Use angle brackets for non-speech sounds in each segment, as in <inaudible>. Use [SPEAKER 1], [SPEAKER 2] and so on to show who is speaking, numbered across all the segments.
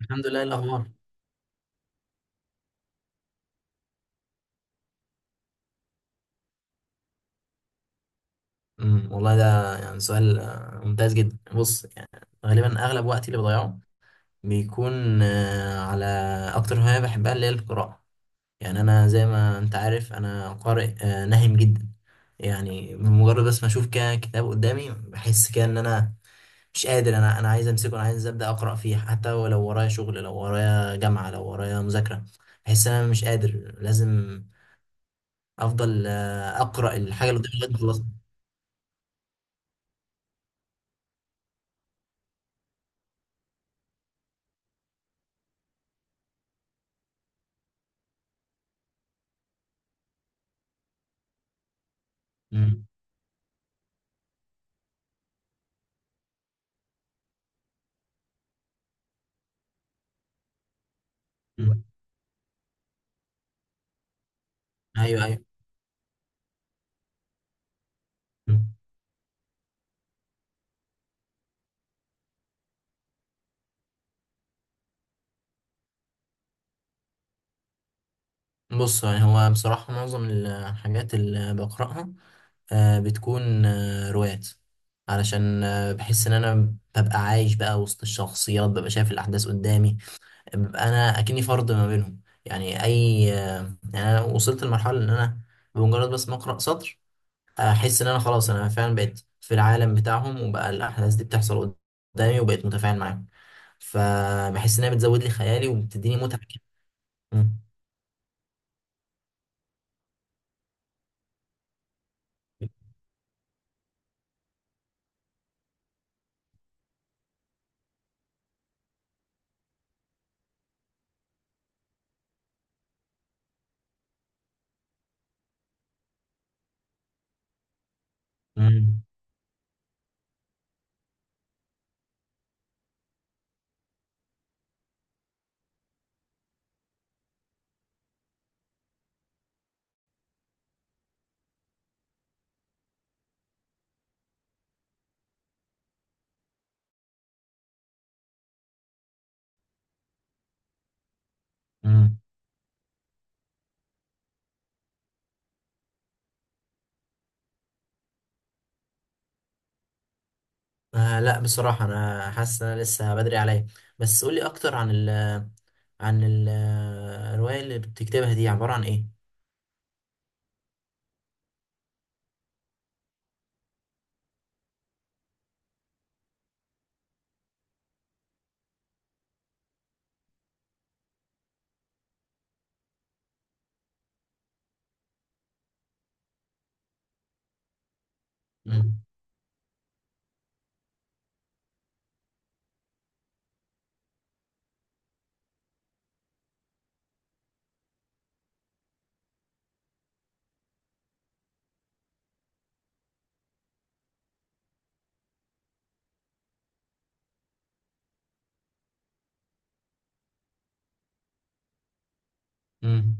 [SPEAKER 1] الحمد لله. إيه الاخبار؟ والله ده يعني سؤال ممتاز جدا. بص يعني غالبا اغلب وقتي اللي بضيعه بيكون على اكتر هوايه بحبها اللي هي القراءه. يعني انا زي ما انت عارف انا قارئ نهم جدا. يعني بمجرد بس ما اشوف كده كتاب قدامي بحس كده ان انا مش قادر، انا عايز امسكه، انا عايز ابدا اقرا فيه حتى ولو ورايا شغل، لو ورايا جامعه، لو ورايا مذاكره. بحس ان انا مش قادر، لازم افضل اقرا الحاجه اللي قدامي لغايه ما اخلصها. أمم. ايوه ايوه. بص يعني هو بصراحة معظم الحاجات اللي بقرأها بتكون روايات، علشان بحس ان انا ببقى عايش بقى وسط الشخصيات، ببقى شايف الاحداث قدامي، ببقى انا اكني فرد ما بينهم. يعني اي يعني انا وصلت لمرحلة ان انا بمجرد بس ما اقرأ سطر احس ان انا خلاص انا فعلا بقيت في العالم بتاعهم، وبقى الاحداث دي بتحصل قدامي وبقيت متفاعل معاهم. فبحس انها بتزود لي خيالي وبتديني متعة كده. مم. مم. مم. آه لا، بصراحة أنا حاسس إن أنا لسه بدري عليا. بس قولي أكتر عن عن ال- الرواية اللي بتكتبها دي عبارة عن إيه؟ مم. مم.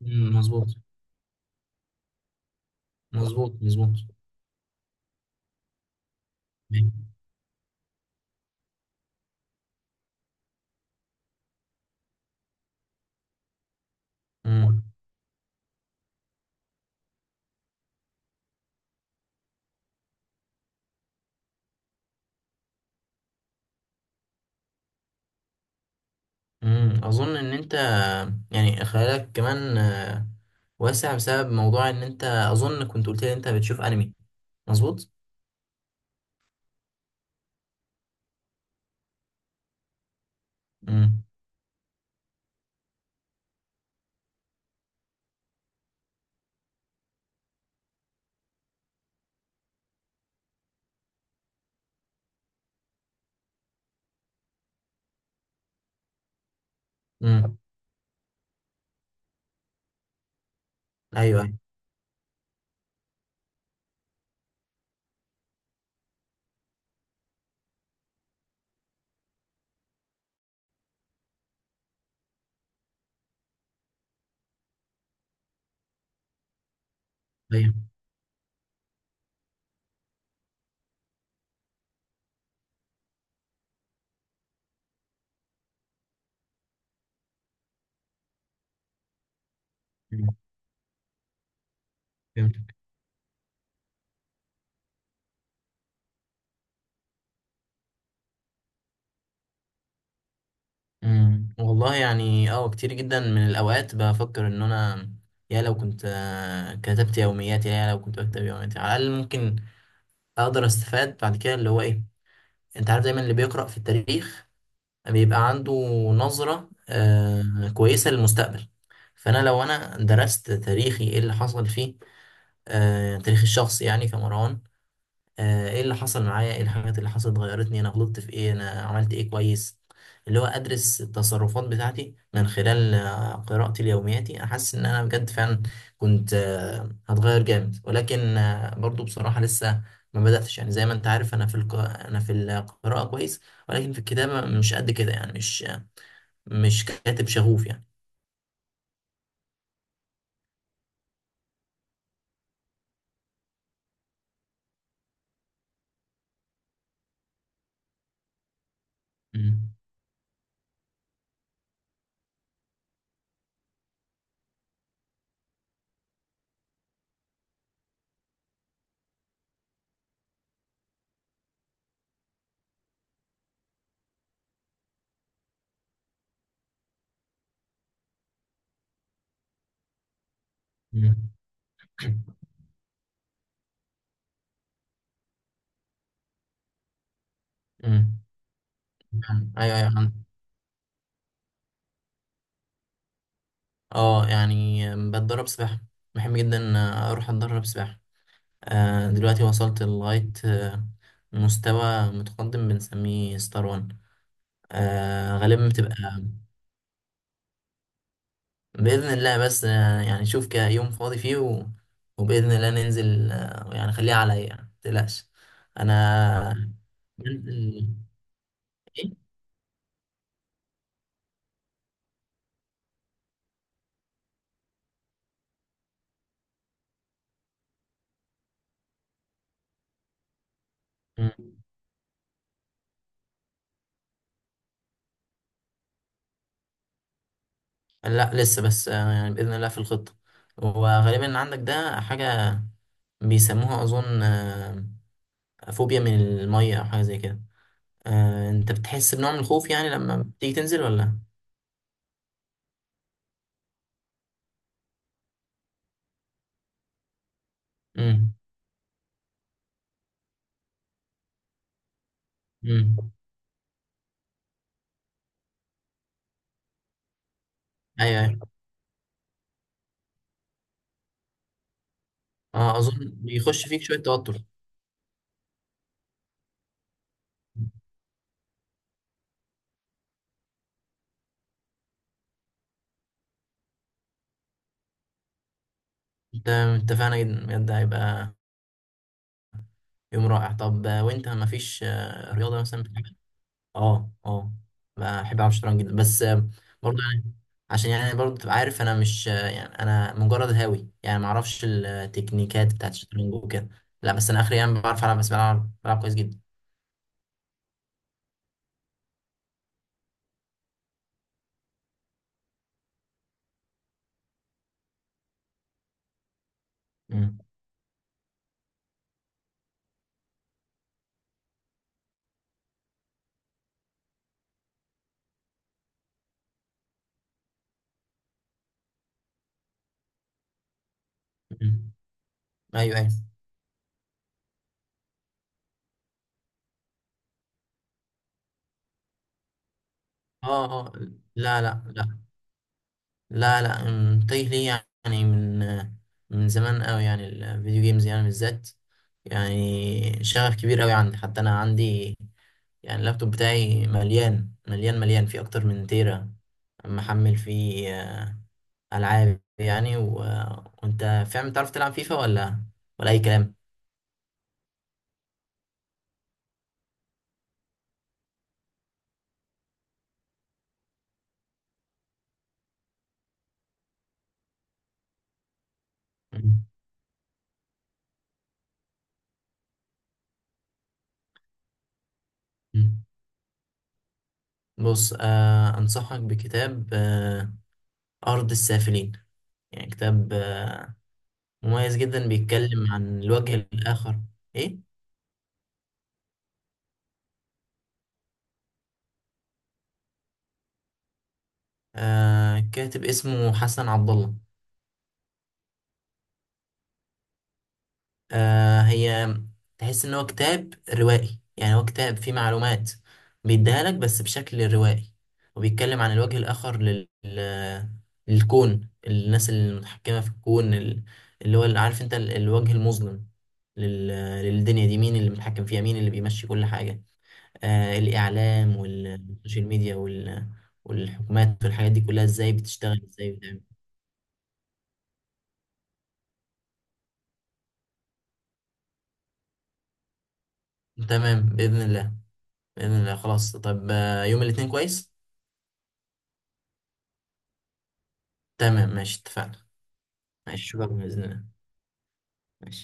[SPEAKER 1] مم. مظبوط مظبوط مظبوط. مم. مم. أظن إن أنت يعني خيالك كمان واسع بسبب موضوع إن أنت أظن كنت قلت لي إن أنت بتشوف أنمي، مظبوط؟ مم. مم. أيوه أيوه. أيوه. والله يعني اه كتير جدا من الاوقات بفكر ان انا يا لو كنت كتبت يومياتي، يا لو كنت بكتب يومياتي على الاقل ممكن اقدر استفاد بعد كده. اللي هو ايه، انت عارف دايما اللي بيقرأ في التاريخ بيبقى عنده نظرة كويسة للمستقبل. فانا لو انا درست تاريخي ايه اللي حصل فيه، تاريخ الشخص يعني كمروان، ايه اللي حصل معايا، ايه الحاجات اللي حصلت غيرتني، انا غلطت في ايه، انا عملت ايه كويس، اللي هو ادرس التصرفات بتاعتي من خلال قراءتي ليومياتي. احس ان انا بجد فعلا كنت هتغير جامد، ولكن برضو بصراحة لسه ما بدأتش. يعني زي ما انت عارف انا في انا في القراءة كويس، ولكن في الكتابة مش قد كده، يعني مش كاتب شغوف يعني. مم. مم. مم. ايوه ايوه. اه يعني بتدرب سباحة، بحب جدا اروح اتدرب سباحة. دلوقتي وصلت لغاية مستوى متقدم بنسميه ستار وان. غالبا بتبقى بإذن الله. بس يعني شوف كده يوم فاضي فيه و... وبإذن الله ننزل. يعني خليها عليا، يعني متقلقش. طب أنا بنزل. إيه؟ مم. لا لسه. بس يعني بإذن الله في الخطة. وغالبا عندك ده حاجة بيسموها أظن فوبيا من المية أو حاجة زي كده. أنت بتحس بنوع من الخوف يعني لما بتيجي تنزل ولا؟ امم امم أيوه أيوه. أه أظن بيخش فيك شوية توتر. أنت اتفقنا جدا بجد، هيبقى يوم رائع. طب وأنت مفيش رياضة مثلا بتحبها؟ أه أه، بحب ألعب شطرنج جدا. بس برضه يعني عشان يعني برضه تبقى عارف أنا مش يعني أنا مجرد هاوي يعني، معرفش التكنيكات بتاعت الشطرنج وكده. لا بس أنا آخري يعني بعرف ألعب، بس بلعب كويس جدا. امم امم أيوه أيوه. اه اه، لا لا لا لا لا، متجه ليه يعني، من زمان قوي يعني الفيديو جيمز يعني بالذات. يعني شغف كبير قوي عندي، حتى انا عندي يعني اللابتوب بتاعي مليان مليان مليان، فيه اكتر من تيرا محمل فيه العاب يعني و... وانت فاهم، تعرف تلعب فيفا ولا اي كلام؟ <laughs> مم. مم. بص انصحك بكتاب ارض السافلين. يعني كتاب مميز جدا، بيتكلم عن الوجه الآخر. إيه؟ آه، كاتب اسمه حسن عبد الله. آه، هي تحس إن هو كتاب روائي، يعني هو كتاب فيه معلومات بيديها لك بس بشكل روائي، وبيتكلم عن الوجه الآخر للكون، الناس المتحكمة في الكون، اللي هو اللي عارف أنت الوجه المظلم لل... للدنيا دي. مين اللي متحكم فيها، مين اللي بيمشي كل حاجة، الإعلام والسوشيال ميديا والحكومات والحاجات دي كلها، ازاي بتشتغل ازاي بتعمل. تمام بإذن الله. بإذن الله خلاص. طب يوم الاثنين كويس. تمام ماشي اتفقنا. ماشي شكرا بإذن الله. ماشي.